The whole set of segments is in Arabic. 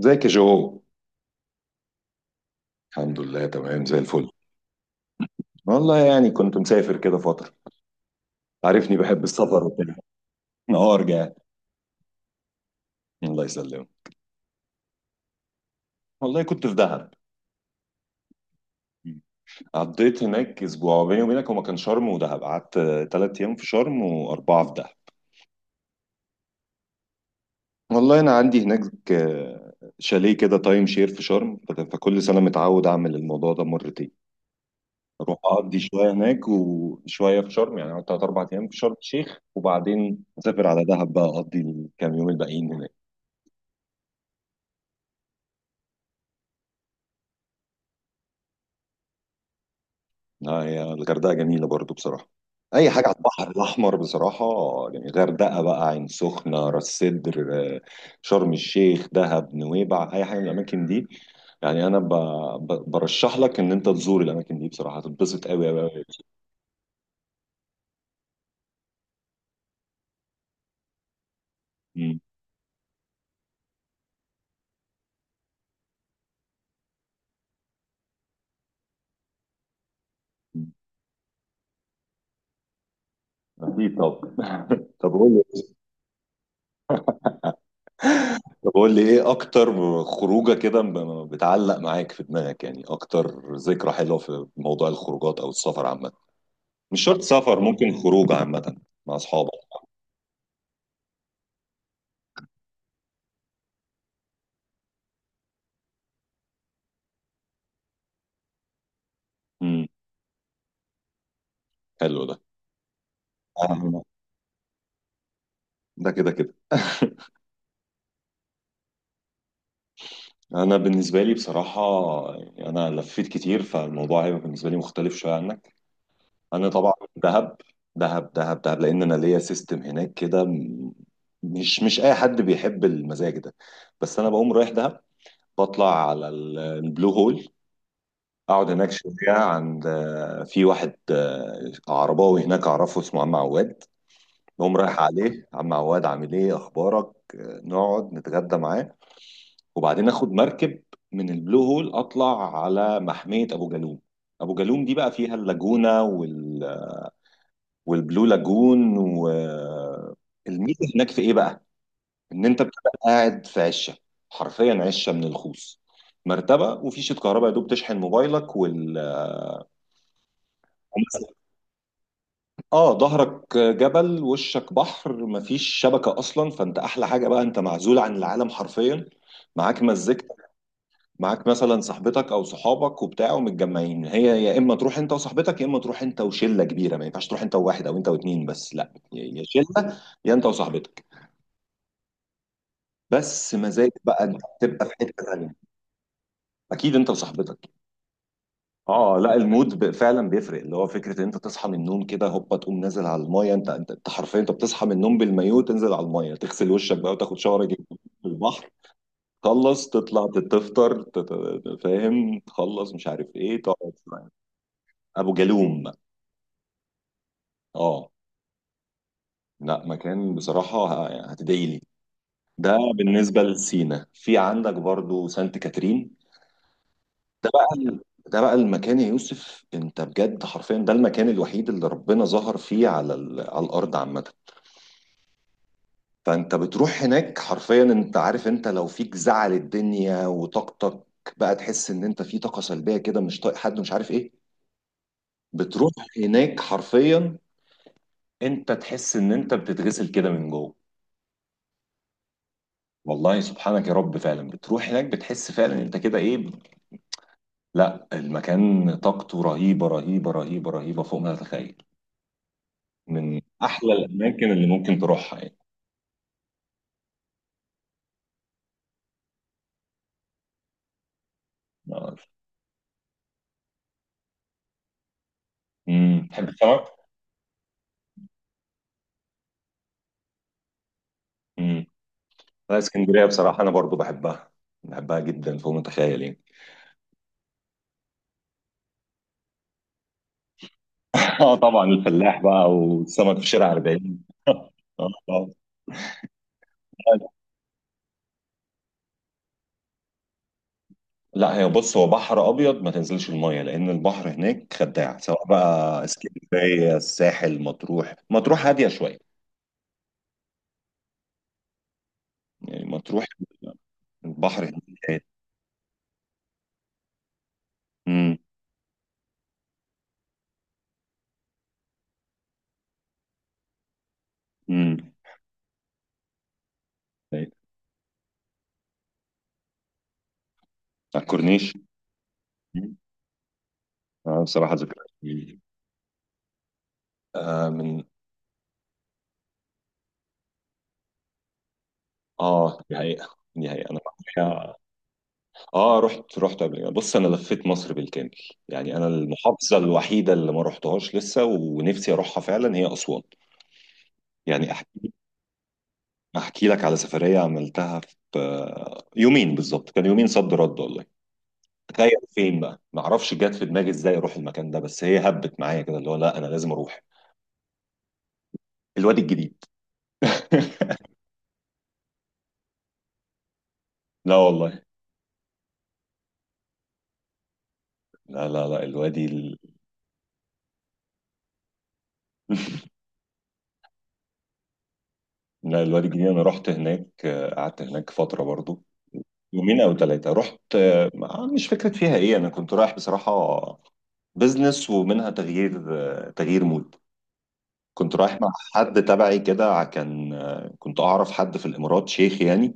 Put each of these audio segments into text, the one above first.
ازيك يا جو؟ الحمد لله، تمام زي الفل. والله يعني كنت مسافر كده فترة. عارفني بحب السفر وكده. اه، رجعت. الله يسلمك. والله كنت في دهب. قضيت هناك اسبوع. بيني وبينك هو كان شرم ودهب، قعدت ثلاث ايام في شرم واربعة في دهب. والله انا عندي هناك شاليه كده، تايم شير في شرم. فكل سنة متعود اعمل الموضوع ده مرتين. اروح اقضي شوية هناك وشوية في شرم، يعني أقعد تلات اربع ايام في شرم الشيخ وبعدين اسافر على دهب بقى اقضي الكام يوم الباقيين هناك. اه يا، الغردقه جميله برضو بصراحه. اي حاجه على البحر الاحمر بصراحه، يعني غردقه بقى، عين سخنه، راس سدر، آه، شرم الشيخ، دهب، نويبع، اي حاجه من الاماكن دي. يعني انا برشح لك ان انت تزور الاماكن دي بصراحه، هتتبسط قوي قوي قوي. مم. اكيد. طب طب قول لي، طب قول لي ايه اكتر خروجه كده بتعلق معاك في دماغك، يعني اكتر ذكرى حلوه في موضوع الخروجات او السفر عامه. مش شرط سفر، ممكن خروج عامه مع اصحابك. حلو ده. أهم- ده كده كده. انا بالنسبه لي بصراحه، يعني انا لفيت كتير فالموضوع هيبقى بالنسبه لي مختلف شويه عنك. انا طبعا دهب دهب دهب دهب، لان انا ليا سيستم هناك كده. مش اي حد بيحب المزاج ده. بس انا بقوم رايح دهب، بطلع على البلو هول، اقعد هناك شويه عند، في واحد، عرباوي هناك اعرفه اسمه عم عواد. بقوم رايح عليه، عم عواد عامل ايه، اخبارك؟ نقعد نتغدى معاه، وبعدين اخد مركب من البلو هول اطلع على محمية ابو جالوم. ابو جالوم دي بقى فيها اللاجونة والبلو لاجون. والميزة هناك في ايه بقى؟ ان انت بتبقى قاعد في عشة، حرفيا عشة من الخوص، مرتبة وفي شيت كهرباء يا دوب تشحن موبايلك وال... اه، ظهرك جبل وشك بحر، مفيش شبكة اصلا، فانت احلى حاجة بقى، انت معزول عن العالم حرفيا. معاك مزيكتك، معاك مثلا صاحبتك او صحابك وبتاع، ومتجمعين. هي يا اما تروح انت وصاحبتك، يا اما تروح انت وشله كبيره، ما ينفعش تروح انت وواحد او انت واتنين، بس لا، يا شله يا انت وصاحبتك. بس مزاج بقى، انت بتبقى في حته تانيه. اكيد انت وصاحبتك. اه لا، المود فعلا بيفرق، اللي هو فكره ان انت تصحى من النوم كده هوبا، تقوم نازل على المايه. انت انت أنت حرفيا انت بتصحى من النوم بالمايو، تنزل على المايه، تغسل وشك بقى وتاخد شاور جديد في البحر. تخلص تطلع تفطر فاهم، تخلص مش عارف ايه، تقعد. ابو جالوم. اه. لا مكان بصراحة، هتدعي لي. ده بالنسبة لسينا. في عندك برضو سانت كاترين. ده بقى ال- ده بقى المكان يا يوسف. انت بجد حرفيا ده المكان الوحيد اللي ربنا ظهر فيه على على الأرض عامة. فانت بتروح هناك حرفيا، انت عارف، انت لو فيك زعل الدنيا وطاقتك بقى، تحس ان انت في طاقة سلبية كده، مش طايق حد، مش عارف ايه، بتروح هناك حرفيا انت تحس ان انت بتتغسل كده من جوه. والله سبحانك يا رب، فعلا بتروح هناك بتحس فعلا انت كده ايه. لا المكان طاقته رهيبه رهيبه رهيبه رهيبه، فوق ما تتخيل، من احلى الاماكن اللي ممكن تروحها يعني. امم، تحب السمك؟ امم. لا اسكندريه بصراحه انا برضو بحبها، بحبها جدا فوق ما تتخيل يعني. اه طبعا، الفلاح بقى والسمك في شارع 40. آه، آه. لا هي، بص، هو بحر ابيض ما تنزلش المايه، لان البحر هناك خداع، سواء بقى اسكندريه، الساحل، مطروح. مطروح هاديه شويه يعني. مطروح البحر هناك حكاية. امم. امم. أيوة. على الكورنيش. مم. آه بصراحة ذكريات جميلة. آه من. اه دي حقيقة دي حقيقة. أنا معايا، اه رحت رحت قبل كده. بص أنا لفيت مصر بالكامل، يعني أنا المحافظة الوحيدة اللي ما رحتهاش لسه ونفسي أروحها فعلا هي أسوان. يعني أحكي لك على سفرية عملتها في، يومين بالظبط، كان يومين صد رد والله. تخيل فين بقى؟ ما اعرفش جت في دماغي ازاي اروح المكان ده، بس هي هبت معايا كده اللي هو لا انا لازم اروح. الوادي الجديد. لا والله. لا لا لا الوادي لا، الوادي الجديد انا رحت هناك، قعدت هناك فتره برضو، يومين او ثلاثه. رحت، مش فكره فيها ايه، انا كنت رايح بصراحه بزنس، ومنها تغيير، تغيير مود. كنت رايح مع حد تبعي كده، كان، كنت اعرف حد في الامارات شيخ يعني،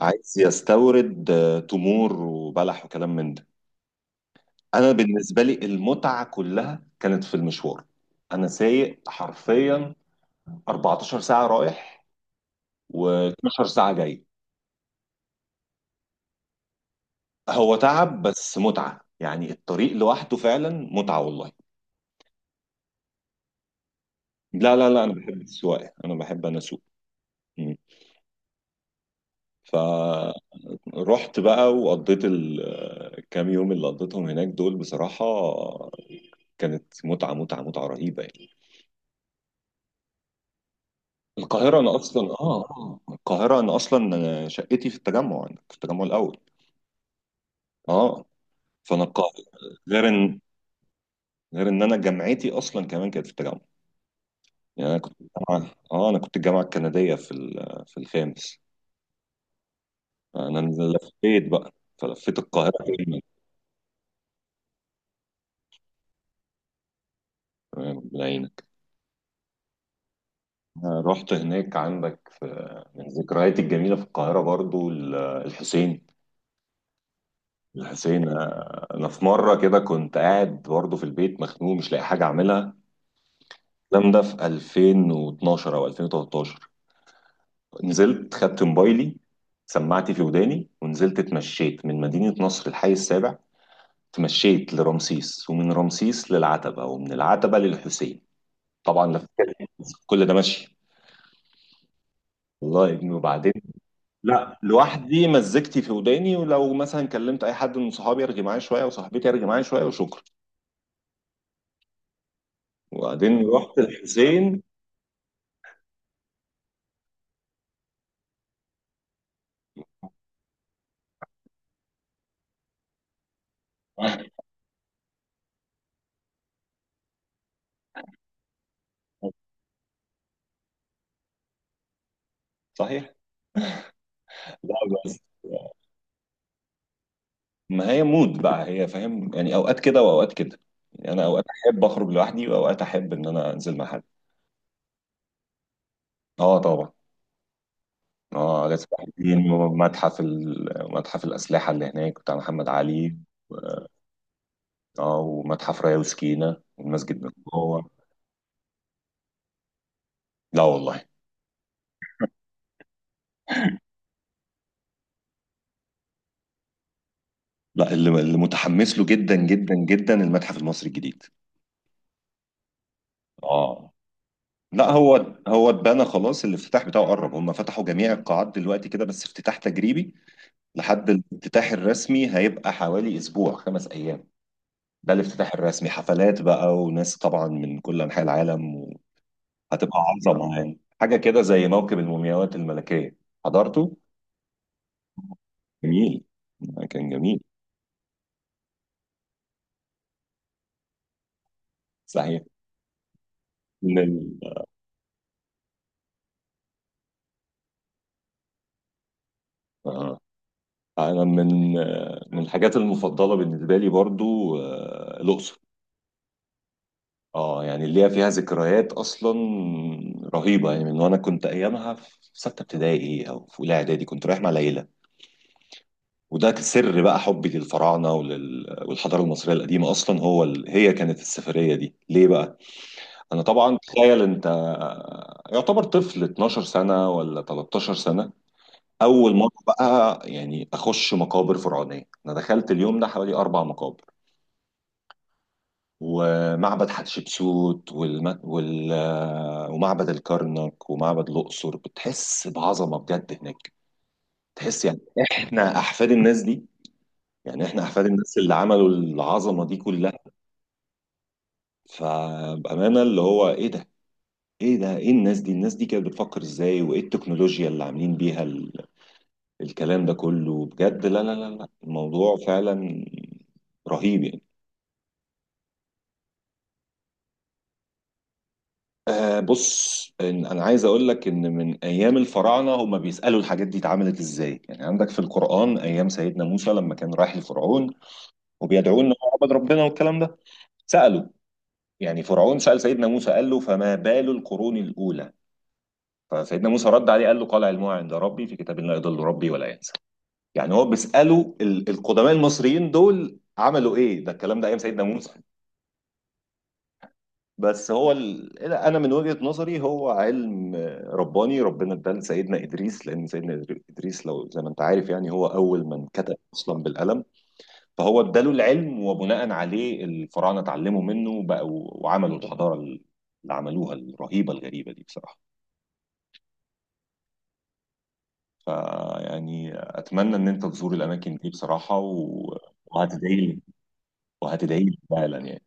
عايز يستورد، تمور وبلح وكلام من ده. انا بالنسبه لي المتعه كلها كانت في المشوار، انا سايق حرفيا 14 ساعة رايح و12 ساعة جاي. هو تعب بس متعة، يعني الطريق لوحده فعلا متعة والله. لا لا لا أنا بحب السواقة، أنا أسوق. مم. فرحت بقى وقضيت الكام يوم اللي قضيتهم هناك دول، بصراحة كانت متعة متعة متعة رهيبة يعني. القاهرة أنا أصلا القاهرة أنا أصلا شقتي في التجمع، أنا في التجمع الأول. آه فأنا القاهرة، غير إن غير إن أنا جامعتي أصلا كمان كانت في التجمع. يعني انا كنت الجامعه، اه انا كنت الجامعه الكنديه في في الخامس. انا لفيت بقى، فلفيت القاهره كامله. تمام، ربنا يعينك. أنا رحت هناك عندك في، من ذكرياتي الجميله في القاهره برضو الحسين. الحسين، انا في مره كده كنت قاعد برضو في البيت مخنوق مش لاقي حاجه اعملها. الكلام ده في 2012 او 2013. نزلت خدت موبايلي، سماعتي في وداني، ونزلت اتمشيت من مدينه نصر الحي السابع. تمشيت لرمسيس، ومن رمسيس للعتبة، ومن العتبة للحسين. طبعا لفت كل ده ماشي والله يا ابني، وبعدين. لا لوحدي، مزجتي في وداني، ولو مثلا كلمت اي حد من صحابي يرجع معايا شويه، وصاحبتي يرجع معايا شويه، وشكرا. وبعدين رحت الحسين. صحيح. لا بس ما هي مود بقى، هي فاهم، يعني اوقات كده واوقات كده، يعني انا اوقات احب اخرج لوحدي واوقات احب ان انا انزل مع حد. اه طبعا. اه غاز الحديد، ومتحف متحف الاسلحه اللي هناك بتاع محمد علي. اه ومتحف رايا وسكينة، والمسجد من جوه. لا والله. لا، اللي متحمس له جدا جدا جدا المتحف المصري الجديد. اه لا هو، هو اتبنى خلاص، الافتتاح بتاعه قرب، هم فتحوا جميع القاعات دلوقتي كده بس افتتاح تجريبي. لحد الافتتاح الرسمي هيبقى حوالي اسبوع، خمس ايام. ده الافتتاح الرسمي حفلات بقى وناس طبعا من كل انحاء العالم، وهتبقى عظمه يعني، حاجه كده زي موكب المومياوات الملكيه. حضرته. جميل. كان جميل. صحيح. آه. انا من، من الحاجات المفضله بالنسبه لي برضو، الاقصر. اه يعني اللي هي فيها ذكريات اصلا رهيبه يعني. من وانا كنت ايامها في سته ابتدائي او في اولى اعدادي، كنت رايح مع العيله. وده سر بقى حبي للفراعنه والحضاره المصريه القديمه اصلا. هو هي كانت السفريه دي ليه بقى؟ انا طبعا تخيل انت، يعتبر طفل 12 سنه ولا 13 سنه، اول مره بقى يعني اخش مقابر فرعونيه. انا دخلت اليوم ده حوالي اربع مقابر، ومعبد حتشبسوت ومعبد الكرنك ومعبد الأقصر. بتحس بعظمة بجد هناك. تحس يعني احنا أحفاد الناس دي، يعني احنا أحفاد الناس اللي عملوا العظمة دي كلها. فبأمانة اللي هو ايه ده، ايه ده، ايه الناس دي، الناس دي كانت بتفكر ازاي، وايه التكنولوجيا اللي عاملين بيها الكلام ده كله بجد. لا لا لا لا الموضوع فعلا رهيب يعني. آه بص، إن انا عايز اقول لك ان من ايام الفراعنه هم بيسالوا الحاجات دي اتعملت ازاي. يعني عندك في القران ايام سيدنا موسى لما كان رايح لفرعون وبيدعوه ان هو عبد ربنا والكلام ده، سالوا، يعني فرعون سال سيدنا موسى قال له فما بال القرون الاولى، فسيدنا موسى رد عليه قال له، قال علمها عند ربي في كتاب لا يضل ربي ولا ينسى. يعني هو بيسالوا القدماء المصريين دول عملوا ايه، ده الكلام ده ايام سيدنا موسى. بس هو انا من وجهة نظري هو علم رباني ربنا اداه لسيدنا ادريس، لان سيدنا ادريس لو زي ما انت عارف يعني هو اول من كتب اصلا بالقلم. فهو اداله العلم، وبناء عليه الفراعنه اتعلموا منه وبقوا وعملوا الحضاره اللي عملوها الرهيبه الغريبه دي بصراحه. فيعني اتمنى ان انت تزور الاماكن دي بصراحه و... وهتدعي لي وهتدعي لي فعلا يعني.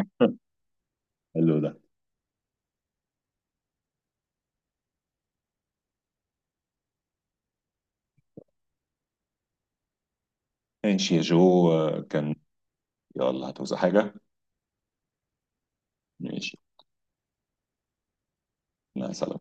حلو ده. ماشي يا جو. كان. يلا هتوزع حاجه؟ ماشي. مع السلامه.